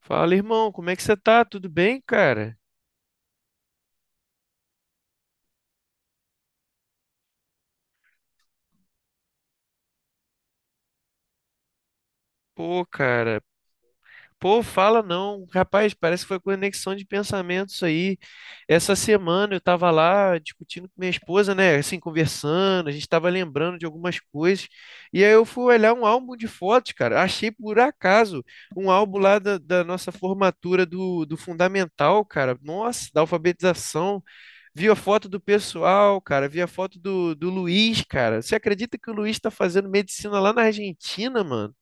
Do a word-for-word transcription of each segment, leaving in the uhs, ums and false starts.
Fala, irmão, como é que você tá? Tudo bem, cara? Pô, cara. Pô, fala não. Rapaz, parece que foi conexão de pensamentos aí. Essa semana eu tava lá discutindo com minha esposa, né? Assim, conversando, a gente tava lembrando de algumas coisas. E aí eu fui olhar um álbum de fotos, cara. Achei por acaso um álbum lá da, da nossa formatura do, do fundamental, cara. Nossa, da alfabetização. Vi a foto do pessoal, cara. Vi a foto do, do Luiz, cara. Você acredita que o Luiz tá fazendo medicina lá na Argentina, mano?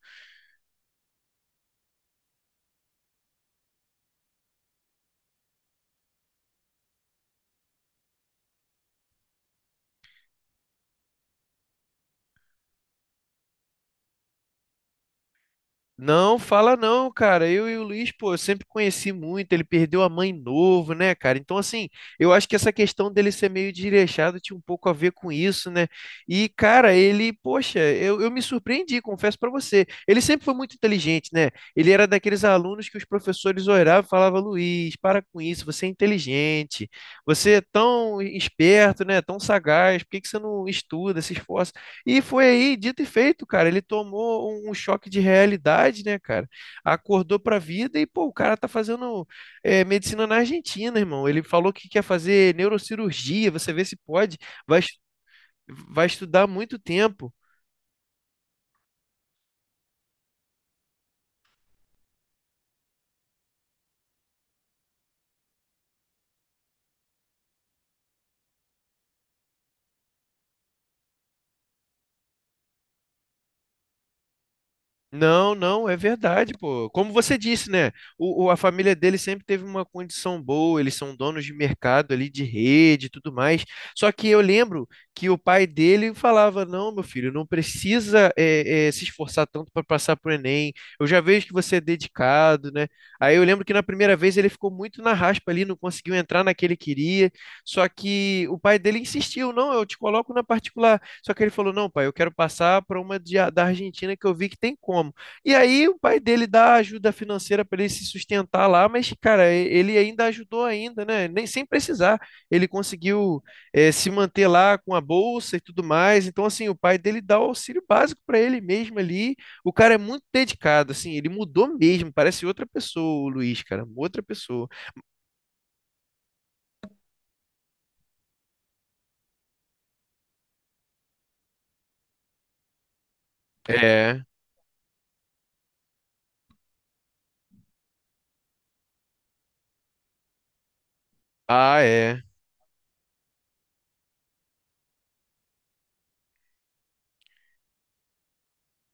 Não, fala não, cara. Eu e o Luiz, pô, eu sempre conheci muito. Ele perdeu a mãe novo, né, cara? Então, assim, eu acho que essa questão dele ser meio desleixado tinha um pouco a ver com isso, né? E, cara, ele, poxa, eu, eu me surpreendi, confesso pra você. Ele sempre foi muito inteligente, né? Ele era daqueles alunos que os professores olhavam e falavam: Luiz, para com isso, você é inteligente, você é tão esperto, né? Tão sagaz, por que que você não estuda, se esforça? E foi aí, dito e feito, cara. Ele tomou um, um choque de realidade, né, cara? Acordou pra vida e, pô, o cara tá fazendo é, medicina na Argentina, irmão. Ele falou que quer fazer neurocirurgia, você vê se pode. Vai, es- vai estudar muito tempo. Não, não, é verdade, pô. Como você disse, né? O, o- a família dele sempre teve uma condição boa, eles são donos de mercado ali, de rede e tudo mais. Só que eu lembro que o pai dele falava: Não, meu filho, não precisa eh, eh, se esforçar tanto para passar pro Enem. Eu já vejo que você é dedicado, né? Aí eu lembro que na primeira vez ele ficou muito na raspa ali, não conseguiu entrar na que ele queria. Só que o pai dele insistiu: Não, eu te coloco na particular. Só que ele falou: não, pai, eu quero passar para uma de, da Argentina que eu vi que tem como. E aí o pai dele dá ajuda financeira para ele se sustentar lá, mas, cara, e- ele ainda ajudou ainda, né? Nem sem precisar. Ele conseguiu é, se manter lá com a bolsa e tudo mais. Então, assim, o pai dele dá o auxílio básico para ele mesmo ali. O cara é muito dedicado, assim, ele mudou mesmo, parece outra pessoa, o Luiz, cara, outra pessoa. É. Ah, é.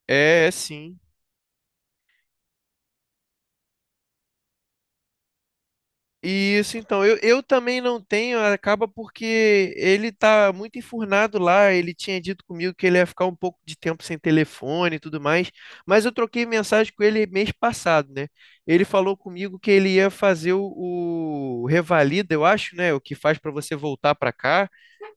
É, é sim. Isso, então, eu, eu também não tenho, acaba porque ele tá muito enfurnado lá, ele tinha dito comigo que ele ia ficar um pouco de tempo sem telefone e tudo mais, mas eu troquei mensagem com ele mês passado, né? Ele falou comigo que ele ia fazer o, o Revalida, eu acho, né? O que faz para você voltar para cá?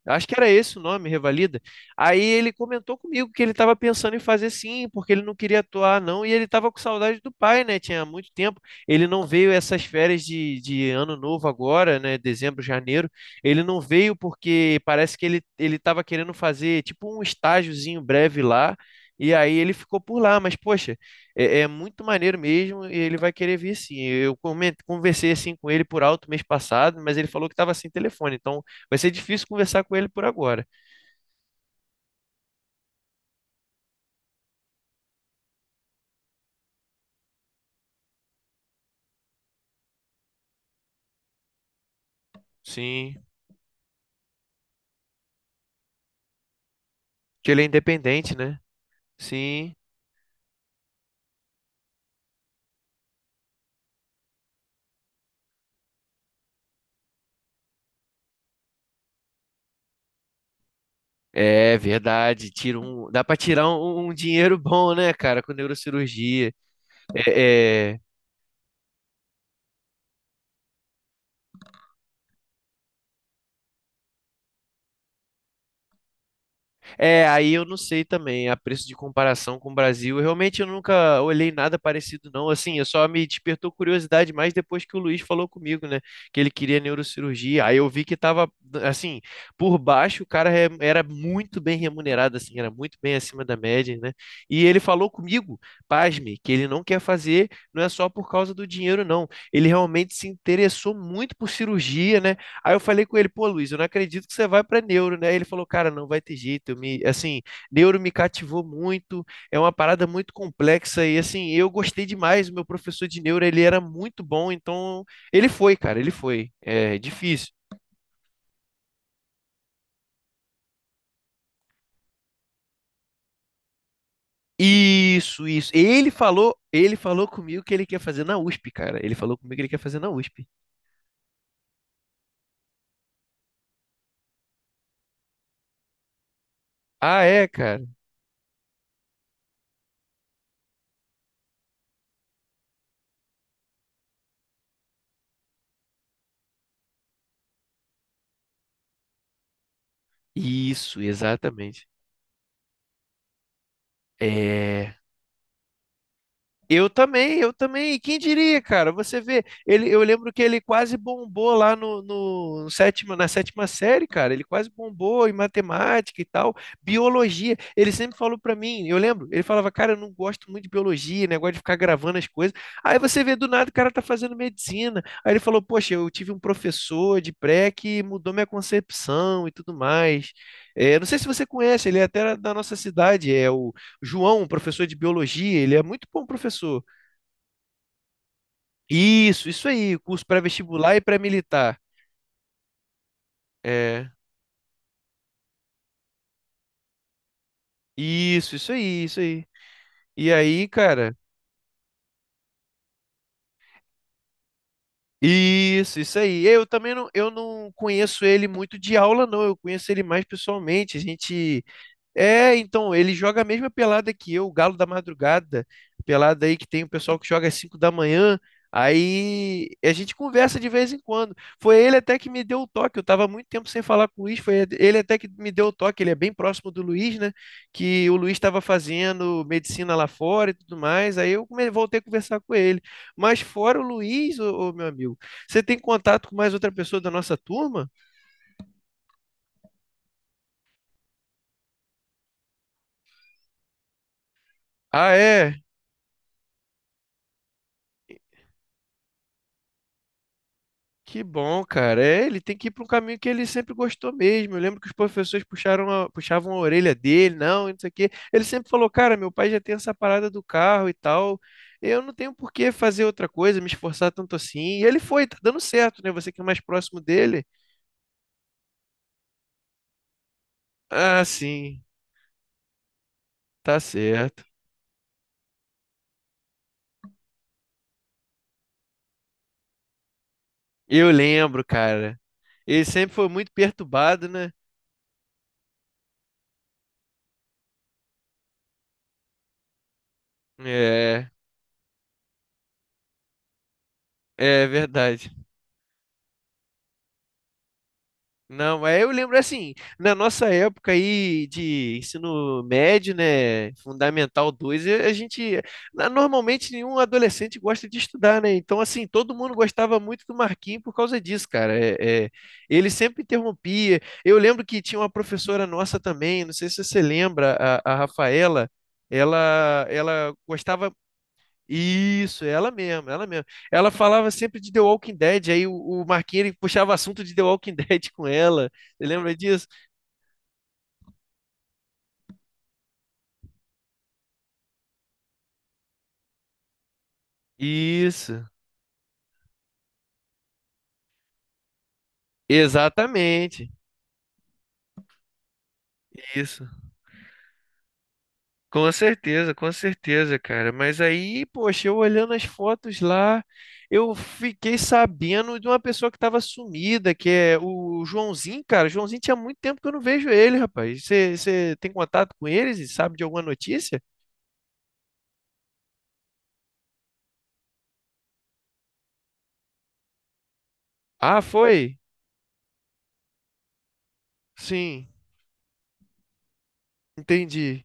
Acho que era esse o nome, Revalida. Aí ele comentou comigo que ele estava pensando em fazer sim, porque ele não queria atuar, não, e ele estava com saudade do pai, né? Tinha muito tempo. Ele não veio essas férias de, de ano novo agora, né? Dezembro, janeiro. Ele não veio porque parece que ele ele estava querendo fazer tipo um estágiozinho breve lá. E aí ele ficou por lá, mas poxa, é, é muito maneiro mesmo e ele vai querer vir sim. Eu comen- conversei assim com ele por alto mês passado, mas ele falou que estava sem telefone, então vai ser difícil conversar com ele por agora. Sim. Que ele é independente, né? Sim. É verdade. Tira um... Dá pra tirar um, um dinheiro bom, né, cara, com neurocirurgia. É, é, é, aí eu não sei também, a preço de comparação com o Brasil. Eu Realmente, eu nunca olhei nada parecido, não. Assim, eu só me despertou curiosidade mais depois que o Luiz falou comigo, né? Que ele queria neurocirurgia. Aí eu vi que tava, assim, por baixo, o cara re- era muito bem remunerado, assim, era muito bem acima da média, né? E ele falou comigo, pasme, que ele não quer fazer, não é só por causa do dinheiro, não. Ele realmente se interessou muito por cirurgia, né? Aí eu falei com ele, pô, Luiz, eu não acredito que você vai para neuro, né? Ele falou, cara, não vai ter jeito. eu Me, assim, neuro me cativou muito, é uma parada muito complexa e assim, eu gostei demais. O meu professor de neuro, ele era muito bom, então ele foi, cara, ele foi. É difícil. Isso, isso. Ele falou, ele falou comigo que ele quer fazer na U S P, cara. Ele falou comigo que ele quer fazer na U S P. Ah, é, cara. Isso, exatamente. É. Eu também, eu também. Quem diria, cara? Você vê, ele, eu lembro que ele quase bombou lá no, no, no sétima, na sétima série, cara. Ele quase bombou em matemática e tal, biologia. Ele sempre falou pra mim, eu lembro, ele falava, cara, eu não gosto muito de biologia, negócio de ficar gravando as coisas. Aí você vê do nada o cara tá fazendo medicina. Aí ele falou, poxa, eu tive um professor de pré que mudou minha concepção e tudo mais. É, não sei se você conhece, ele é até da nossa cidade, é o João, um professor de biologia, ele é muito bom professor. Isso, isso aí, curso pré-vestibular e pré-militar. É, isso, isso aí, isso aí. E aí, cara, isso, isso aí. Eu também não, eu não conheço ele muito de aula, não. Eu conheço ele mais pessoalmente. A gente é, então, ele joga a mesma pelada que eu, o Galo da Madrugada, pelada aí que tem o pessoal que joga às cinco da manhã, aí a gente conversa de vez em quando. Foi ele até que me deu o toque, eu tava muito tempo sem falar com o Luiz, foi ele até que me deu o toque, ele é bem próximo do Luiz, né, que o Luiz estava fazendo medicina lá fora e tudo mais, aí eu come- voltei a conversar com ele. Mas fora o Luiz, ô, ô, meu amigo, você tem contato com mais outra pessoa da nossa turma? Ah, é? Que bom, cara. É, ele tem que ir para um caminho que ele sempre gostou mesmo. Eu lembro que os professores puxaram a- puxavam a orelha dele, não, e não sei o quê. Ele sempre falou, cara, meu pai já tem essa parada do carro e tal. Eu não tenho por que fazer outra coisa, me esforçar tanto assim. E ele foi, tá dando certo, né? Você que é mais próximo dele. Ah, sim, tá certo. Eu lembro, cara. Ele sempre foi muito perturbado, né? É, é verdade. Não, mas eu lembro assim, na nossa época aí de ensino médio, né, Fundamental dois, a a gente, na- normalmente nenhum adolescente gosta de estudar, né? Então, assim, todo mundo gostava muito do Marquinhos por causa disso, cara. É, é, ele sempre interrompia. Eu lembro que tinha uma professora nossa também, não sei se você lembra, a, a Rafaela, ela, ela gostava isso, ela mesma, ela mesma. Ela falava sempre de The Walking Dead, aí o, o Marquinhos ele puxava assunto de The Walking Dead com ela. Você lembra disso? Isso, exatamente. Isso. Com certeza, com certeza, cara. Mas aí, poxa, eu olhando as fotos lá, eu fiquei sabendo de uma pessoa que estava sumida, que é o Joãozinho, cara. O Joãozinho tinha muito tempo que eu não vejo ele, rapaz. Você você tem contato com eles e sabe de alguma notícia? Ah, foi? Sim, entendi.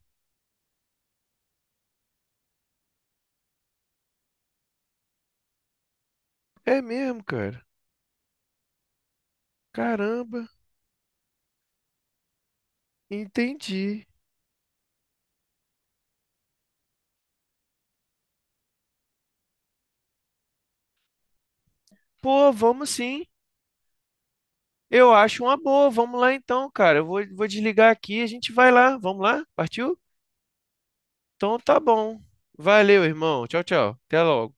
É mesmo, cara. Caramba, entendi. Pô, vamos sim. Eu acho uma boa. Vamos lá então, cara. Eu vou, vou desligar aqui e a gente vai lá. Vamos lá? Partiu? Então tá bom. Valeu, irmão. Tchau, tchau. Até logo.